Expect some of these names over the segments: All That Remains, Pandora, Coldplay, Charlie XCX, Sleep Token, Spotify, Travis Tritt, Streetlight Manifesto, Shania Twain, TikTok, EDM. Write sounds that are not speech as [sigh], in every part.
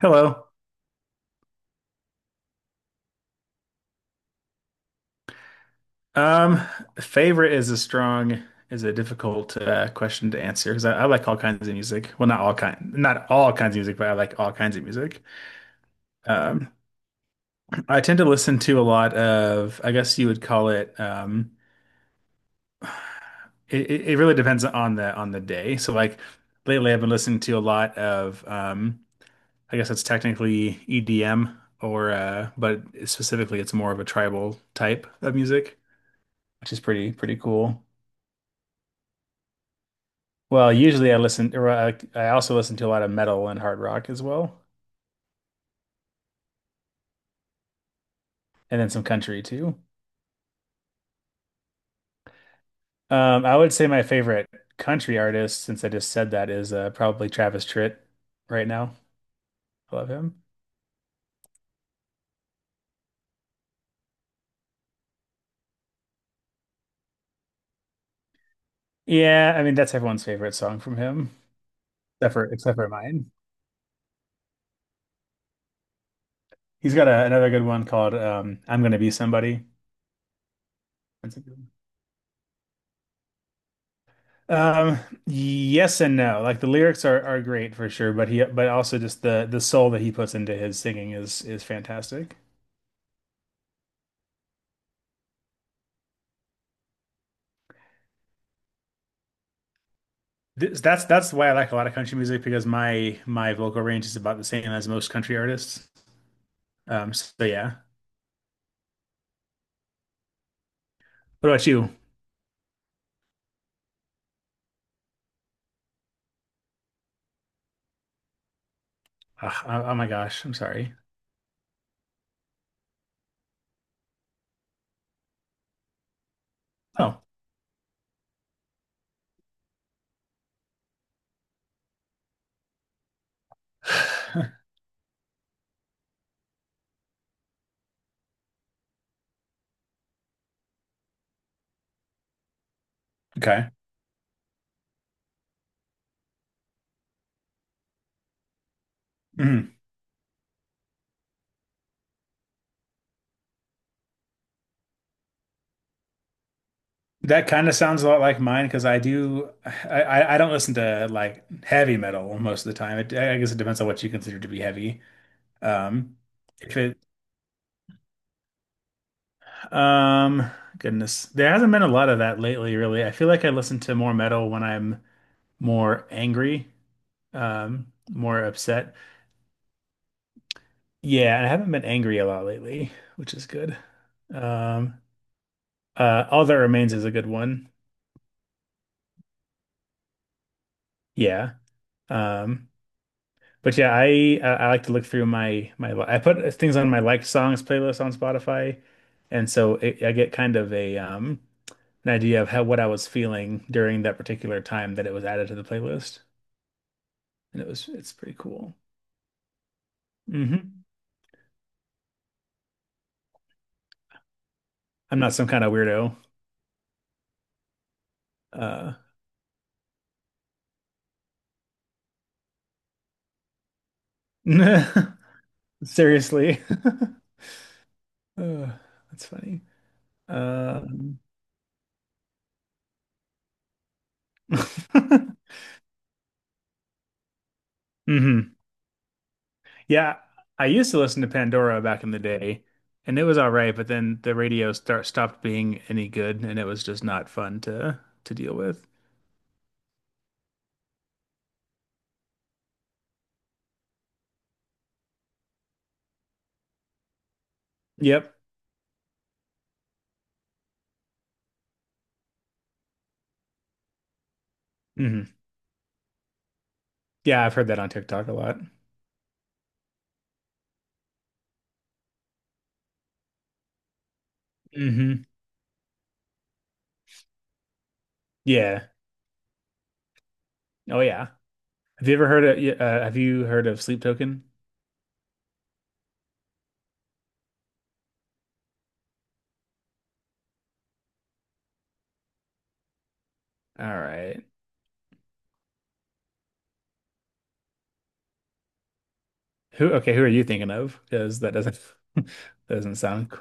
Hello. Um, Favorite is a difficult question to answer because I like all kinds of music. Well, not all kind, not all kinds of music, but I like all kinds of music. Um, I tend to listen to a lot of, I guess you would call it. It really depends on the day. So like lately, I've been listening to a lot of. I guess it's technically EDM or, but specifically, it's more of a tribal type of music, which is pretty cool. Well, usually I listen, or I also listen to a lot of metal and hard rock as well, and then some country too. I would say my favorite country artist, since I just said that, is probably Travis Tritt right now. I love him. Yeah, I mean that's everyone's favorite song from him, except for mine. He's got a, another good one called "I'm Gonna Be Somebody." That's a good one. Um, yes and no. Like the lyrics are great for sure, but he but also just the soul that he puts into his singing is fantastic. That's why I like a lot of country music because my vocal range is about the same as most country artists. So yeah. What about you? Ah, oh, oh my gosh, I'm sorry. Oh, [sighs] okay. Mhm. That kind of sounds a lot like mine because I do I don't listen to like heavy metal most of the time. It, I guess it depends on what you consider to be heavy. Um, if it um goodness, there hasn't been a lot of that lately, really. I feel like I listen to more metal when I'm more angry, more upset. Yeah, and I haven't been angry a lot lately, which is good. Um, All That Remains is a good one. Yeah. Um, but yeah, I like to look through my I put things on my liked songs playlist on Spotify, and I get kind of a an idea of how what I was feeling during that particular time that it was added to the playlist, and it's pretty cool. Hmm. I'm not some kind of weirdo. Uh, [laughs] seriously. [laughs] Oh, that's funny. Um, [laughs] hmm. Yeah, I used to listen to Pandora back in the day, and it was all right, but then the radio start stopped being any good, and it was just not fun to deal with. Yep. Hmm. Yeah, I've heard that on TikTok a lot. Hmm. Yeah. Oh yeah. Have you ever heard of have you heard of Sleep Token? All right. Who are you thinking of? Because that doesn't [laughs] doesn't sound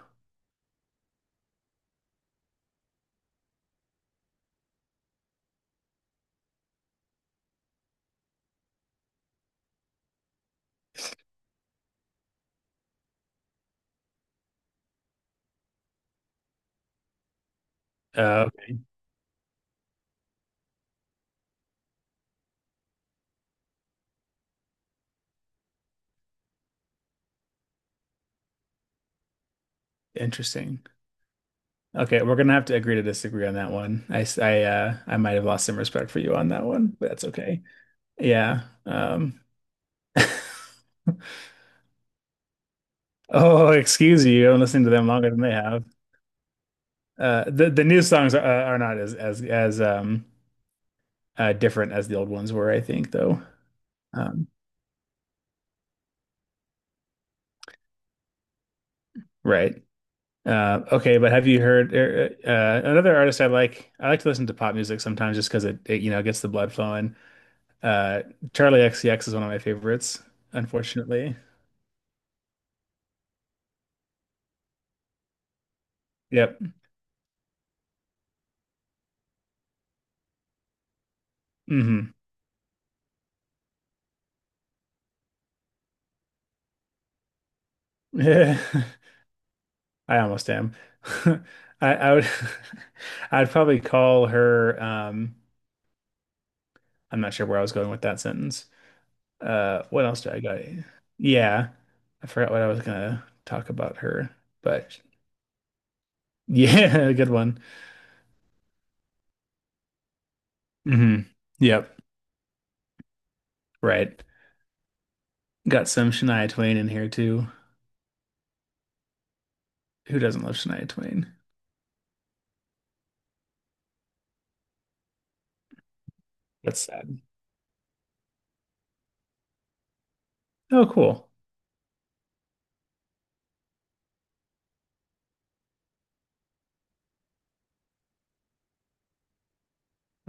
uh, interesting. Okay, we're gonna have to agree to disagree on that one. I might have lost some respect for you on that one, but that's okay. Yeah. [laughs] Oh, excuse you. I'm listening to them longer than they have. The new songs are not as different as the old ones were, I think, though. Um, right. Okay, but have you heard another artist I like? I like to listen to pop music sometimes just because it you know gets the blood flowing. Uh, Charlie XCX is one of my favorites, unfortunately. Yep. Hmm. Yeah, [laughs] I almost am. [laughs] I would [laughs] I'd probably call her I'm not sure where I was going with that sentence. What else do I got? Yeah. I forgot what I was gonna talk about her, but yeah, [laughs] good one. Hmm. Yep, right. Got some Shania Twain in here too. Who doesn't love Shania Twain? That's sad. Oh, cool.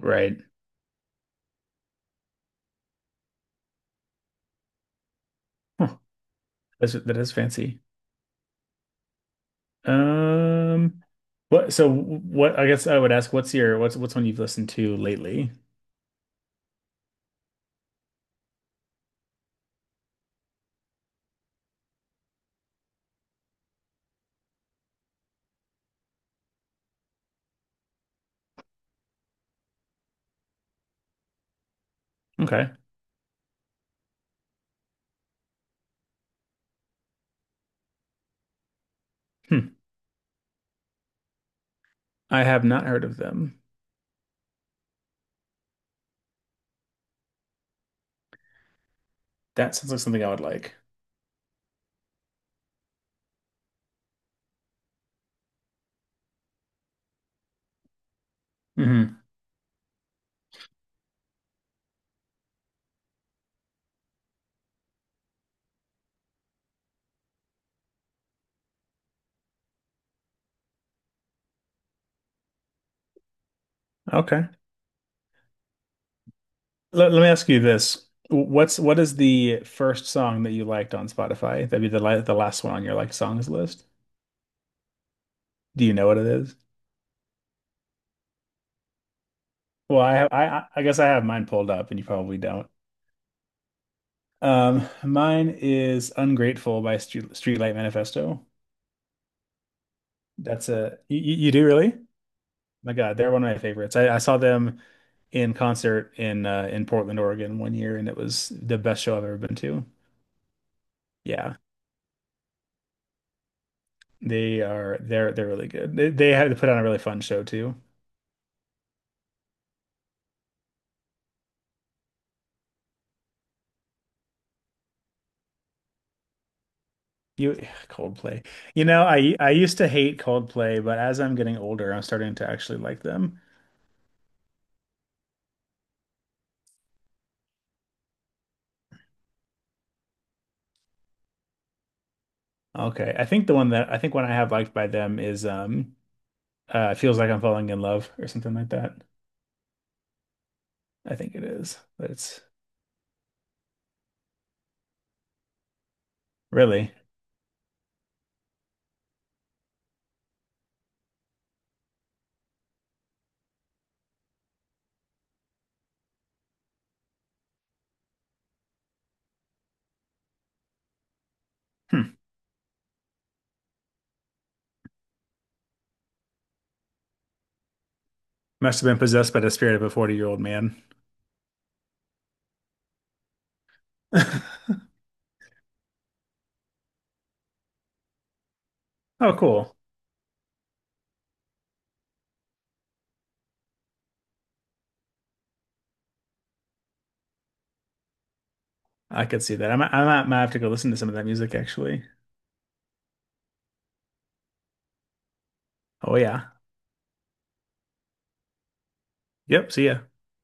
Right. Huh. That is fancy. Um, what? So what? I guess I would ask, what's your what's one you've listened to lately? Okay. Hmm. I have not heard of them. That sounds like something I would like. Hmm. Okay. Let me ask you this. What is the first song that you liked on Spotify? That'd be the last one on your like songs list. Do you know what it is? Well, I guess I have mine pulled up, and you probably don't. Mine is "Ungrateful" by Streetlight Manifesto. That's a you do really? My God, they're one of my favorites. I saw them in concert in Portland, Oregon one year, and it was the best show I've ever been to. Yeah, they're they're really good. They had to put on a really fun show too. You [sighs] Coldplay. You know, I used to hate Coldplay, but as I'm getting older, I'm starting to actually like them. Okay, I think one I have liked by them is Feels Like I'm Falling in Love or something like that. I think it is. But it's really hmm, must have been possessed by the spirit of a 40-year-old man. [laughs] Oh, cool. I could see that. Might have to go listen to some of that music actually. Oh yeah. Yep. See ya.